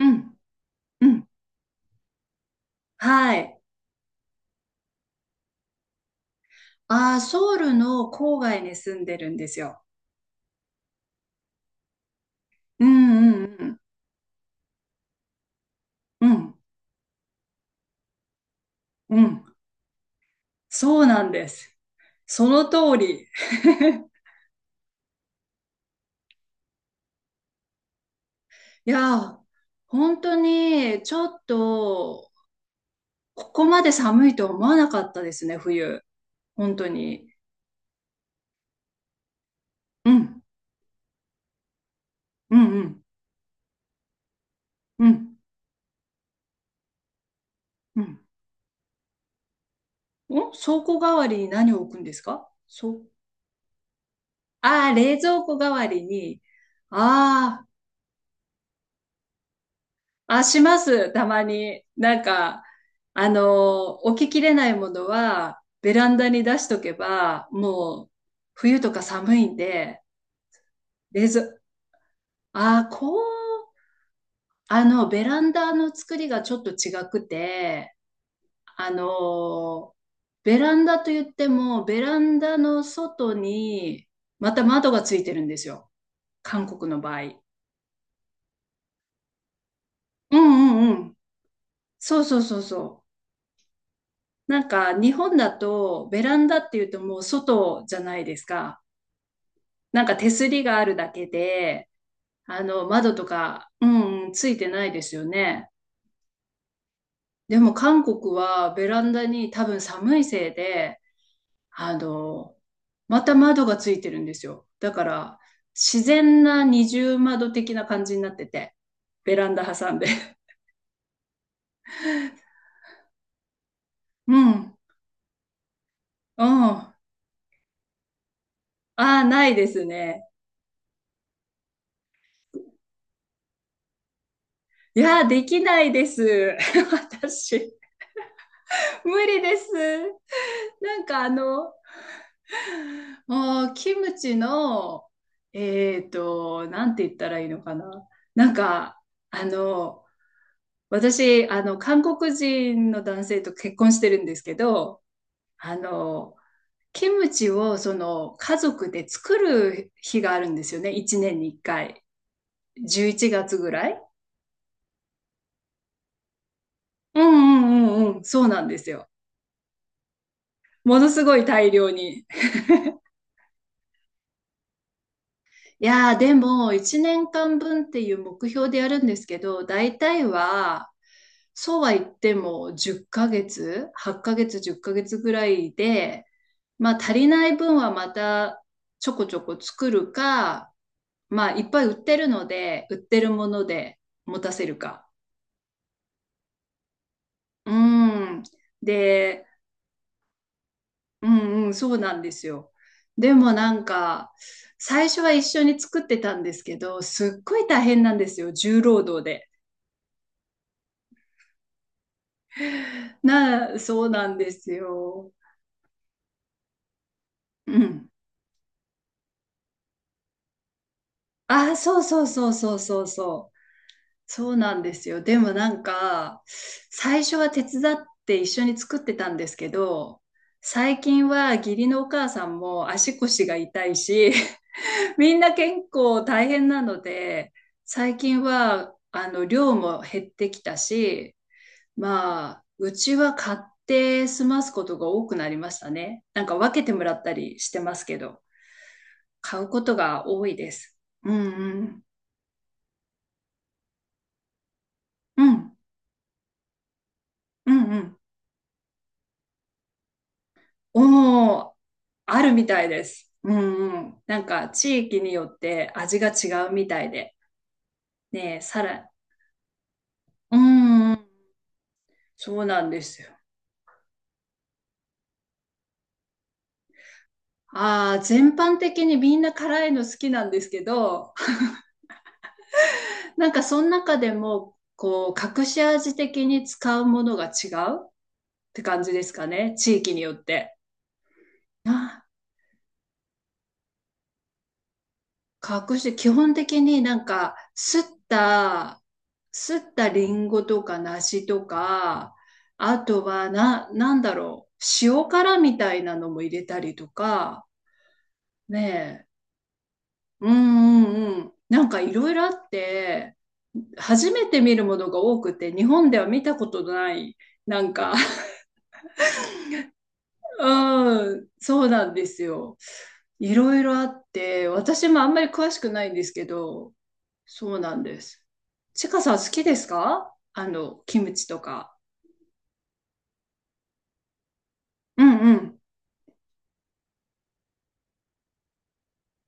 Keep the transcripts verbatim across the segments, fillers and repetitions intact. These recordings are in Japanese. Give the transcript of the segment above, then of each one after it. うん、うん。はい。あー、ソウルの郊外に住んでるんですよ。うんうんうん。うんうん。そうなんです。その通り。いやー、本当にちょっと、ここまで寒いと思わなかったですね、冬。本当に。うん。うんうんうん。うん。お、倉庫代わりに何を置くんですか？そう。ああ、冷蔵庫代わりに。ああ、します、たまに。なんか、あの、置ききれないものは、ベランダに出しとけば、もう、冬とか寒いんで、冷蔵、ああ、こう、あの、ベランダの作りがちょっと違くて、あの、ベランダと言っても、ベランダの外に、また窓がついてるんですよ。韓国の場合。うんうんうん。そうそうそうそう。なんか日本だとベランダっていうともう外じゃないですか。なんか手すりがあるだけで、あの窓とか、うんうん、ついてないですよね。でも韓国はベランダに多分寒いせいで、あの、また窓がついてるんですよ。だから自然な二重窓的な感じになってて、ベランダ挟んで。うん、うん。ああ、ないですね。いや、できないです。私。無理です。なんかあの、もうキムチの、えっと、なんて言ったらいいのかな。なんか、あの、私、あの、韓国人の男性と結婚してるんですけど、あの、キムチをその家族で作る日があるんですよね。いちねんにいっかい。じゅういちがつぐらい。うんうんうんうん。そうなんですよ。ものすごい大量に。いやー、でも、いちねんかんぶんっていう目標でやるんですけど、大体は、そうは言ってもじゅっかげつ、はちかげつ、じゅっかげつぐらいで、まあ足りない分はまたちょこちょこ作るか、まあいっぱい売ってるので、売ってるもので持たせるか。うん。で、うんうん、そうなんですよ。でもなんか、最初は一緒に作ってたんですけど、すっごい大変なんですよ、重労働。 な、そうなんですよ。うん。あ、そうそうそうそうそうそう。そうなんですよ。でもなんか、最初は手伝って一緒に作ってたんですけど、最近は義理のお母さんも足腰が痛いし、みんな健康大変なので、最近は、あの、量も減ってきたし、まあ、うちは買って済ますことが多くなりましたね。なんか分けてもらったりしてますけど。買うことが多いです。うんうん。うん。うんうん。おお、あるみたいです。うんうん。なんか地域によって味が違うみたいで。ねえ、さら、うんうん。そうなんですよ。ああ、全般的にみんな辛いの好きなんですけど、なんかその中でも、こう、隠し味的に使うものが違うって感じですかね、地域によって。加工して基本的になんか、すった、すったリンゴとか梨とか、あとはな、なんだろう、塩辛みたいなのも入れたりとか、ねえ、うんうんうん。なんかいろいろあって、初めて見るものが多くて、日本では見たことのない、なんか、うん、そうなんですよ。いろいろあって、私もあんまり詳しくないんですけど、そうなんです。ちかさん、好きですか？あの、キムチとか。うんうん。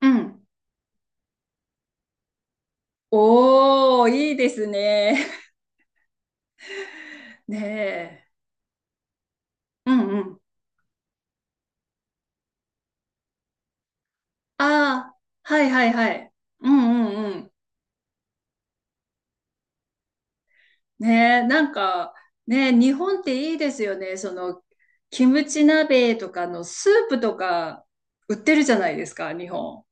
うん。おー、いいですね。ねえ。うんうん。ああ、はいはいはい。うんうんうん。ねえ、なんか、ねえ、日本っていいですよね。その、キムチ鍋とかのスープとか売ってるじゃないですか、日本。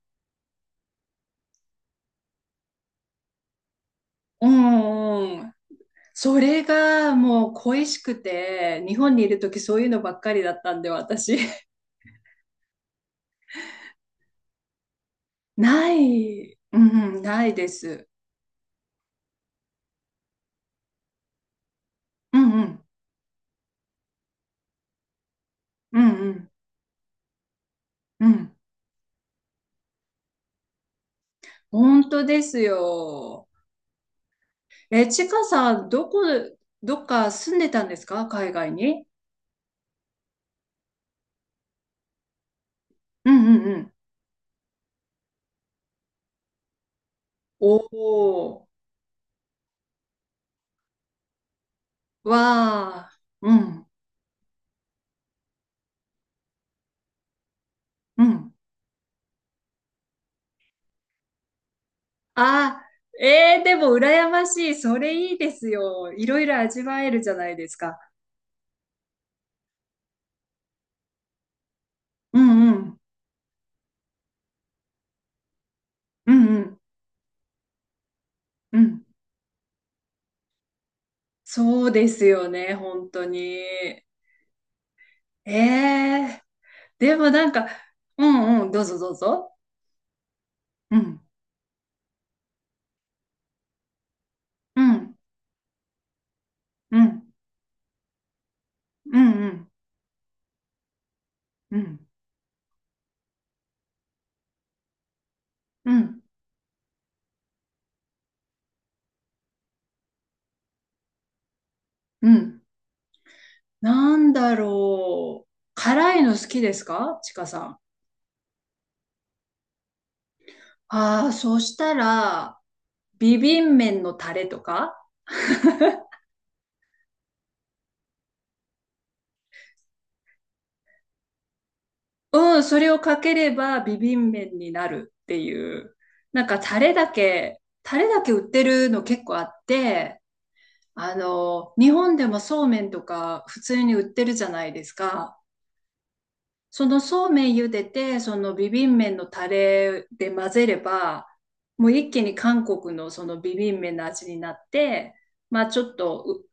うんうん。それがもう恋しくて、日本にいるときそういうのばっかりだったんで、私。ない。うん、ないです。うんうん。うんうん。うん。本当ですよ。え、ちかさん、どこ、どっか住んでたんですか？海外に。うんうんうん。おー。わー。うん。うん。あ、えー、でも羨ましい。それいいですよ。いろいろ味わえるじゃないですか。うんうん。うんうんうん。そうですよね、本当に。ええ。でもなんか、うんうん、どうぞどうぞ。うん、うん、うん、うん、うん、うん、うん、うん。なんだろう。辛いの好きですか、ちかさん？ああ、そしたら、ビビン麺のタレとか。うん、それをかければビビン麺になるっていう。なんかタレだけ、タレだけ売ってるの結構あって、あの、日本でもそうめんとか普通に売ってるじゃないですか。そのそうめん茹でて、そのビビン麺のタレで混ぜれば、もう一気に韓国のそのビビン麺の味になって、まあちょっとう、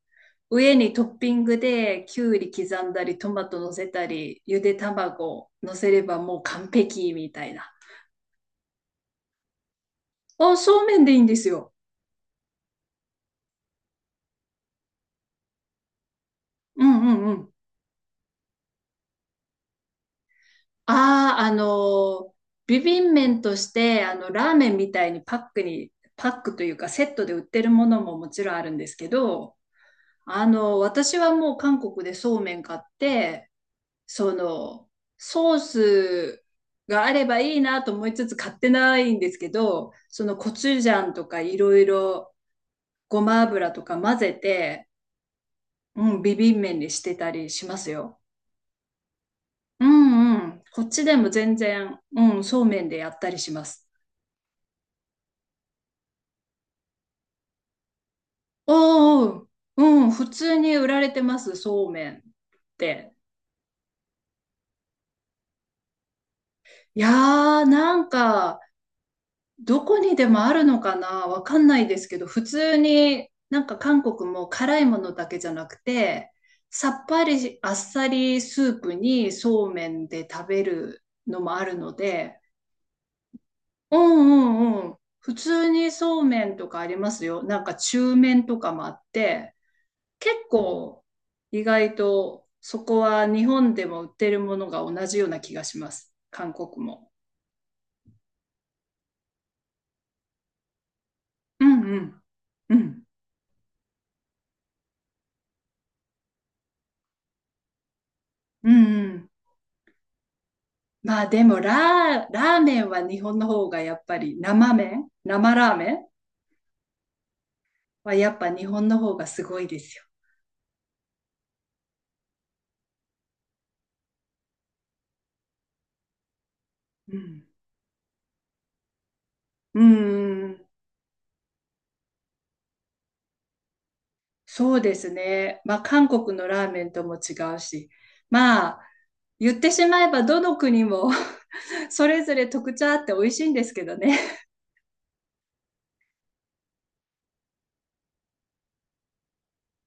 上にトッピングできゅうり刻んだり、トマト乗せたり、ゆで卵乗せればもう完璧みたいな。あ、そうめんでいいんですよ。うんうんうん。ああ、あの、ビビン麺として、あの、ラーメンみたいにパックに、パックというかセットで売ってるものももちろんあるんですけど、あの、私はもう韓国でそうめん買って、その、ソースがあればいいなと思いつつ買ってないんですけど、そのコチュジャンとかいろいろごま油とか混ぜて、うん、ビビン麺にしてたりしますよ。うんうん。こっちでも全然、うん、そうめんでやったりします。おー、うん、普通に売られてます、そうめんって。いやー、なんか、どこにでもあるのかな、わかんないですけど、普通になんか韓国も辛いものだけじゃなくて、さっぱりしあっさりスープにそうめんで食べるのもあるので、うんうんうん、普通にそうめんとかありますよ。なんか中麺とかもあって、結構意外とそこは日本でも売ってるものが同じような気がします。韓国も。うんうん。うん。うんうん。まあでもラー、ラーメンは日本の方がやっぱり生麺、生ラーメンはやっぱ日本の方がすごいですよ。うん。うんうん、そうですね。まあ韓国のラーメンとも違うし、まあ言ってしまえばどの国も それぞれ特徴あって美味しいんですけどね。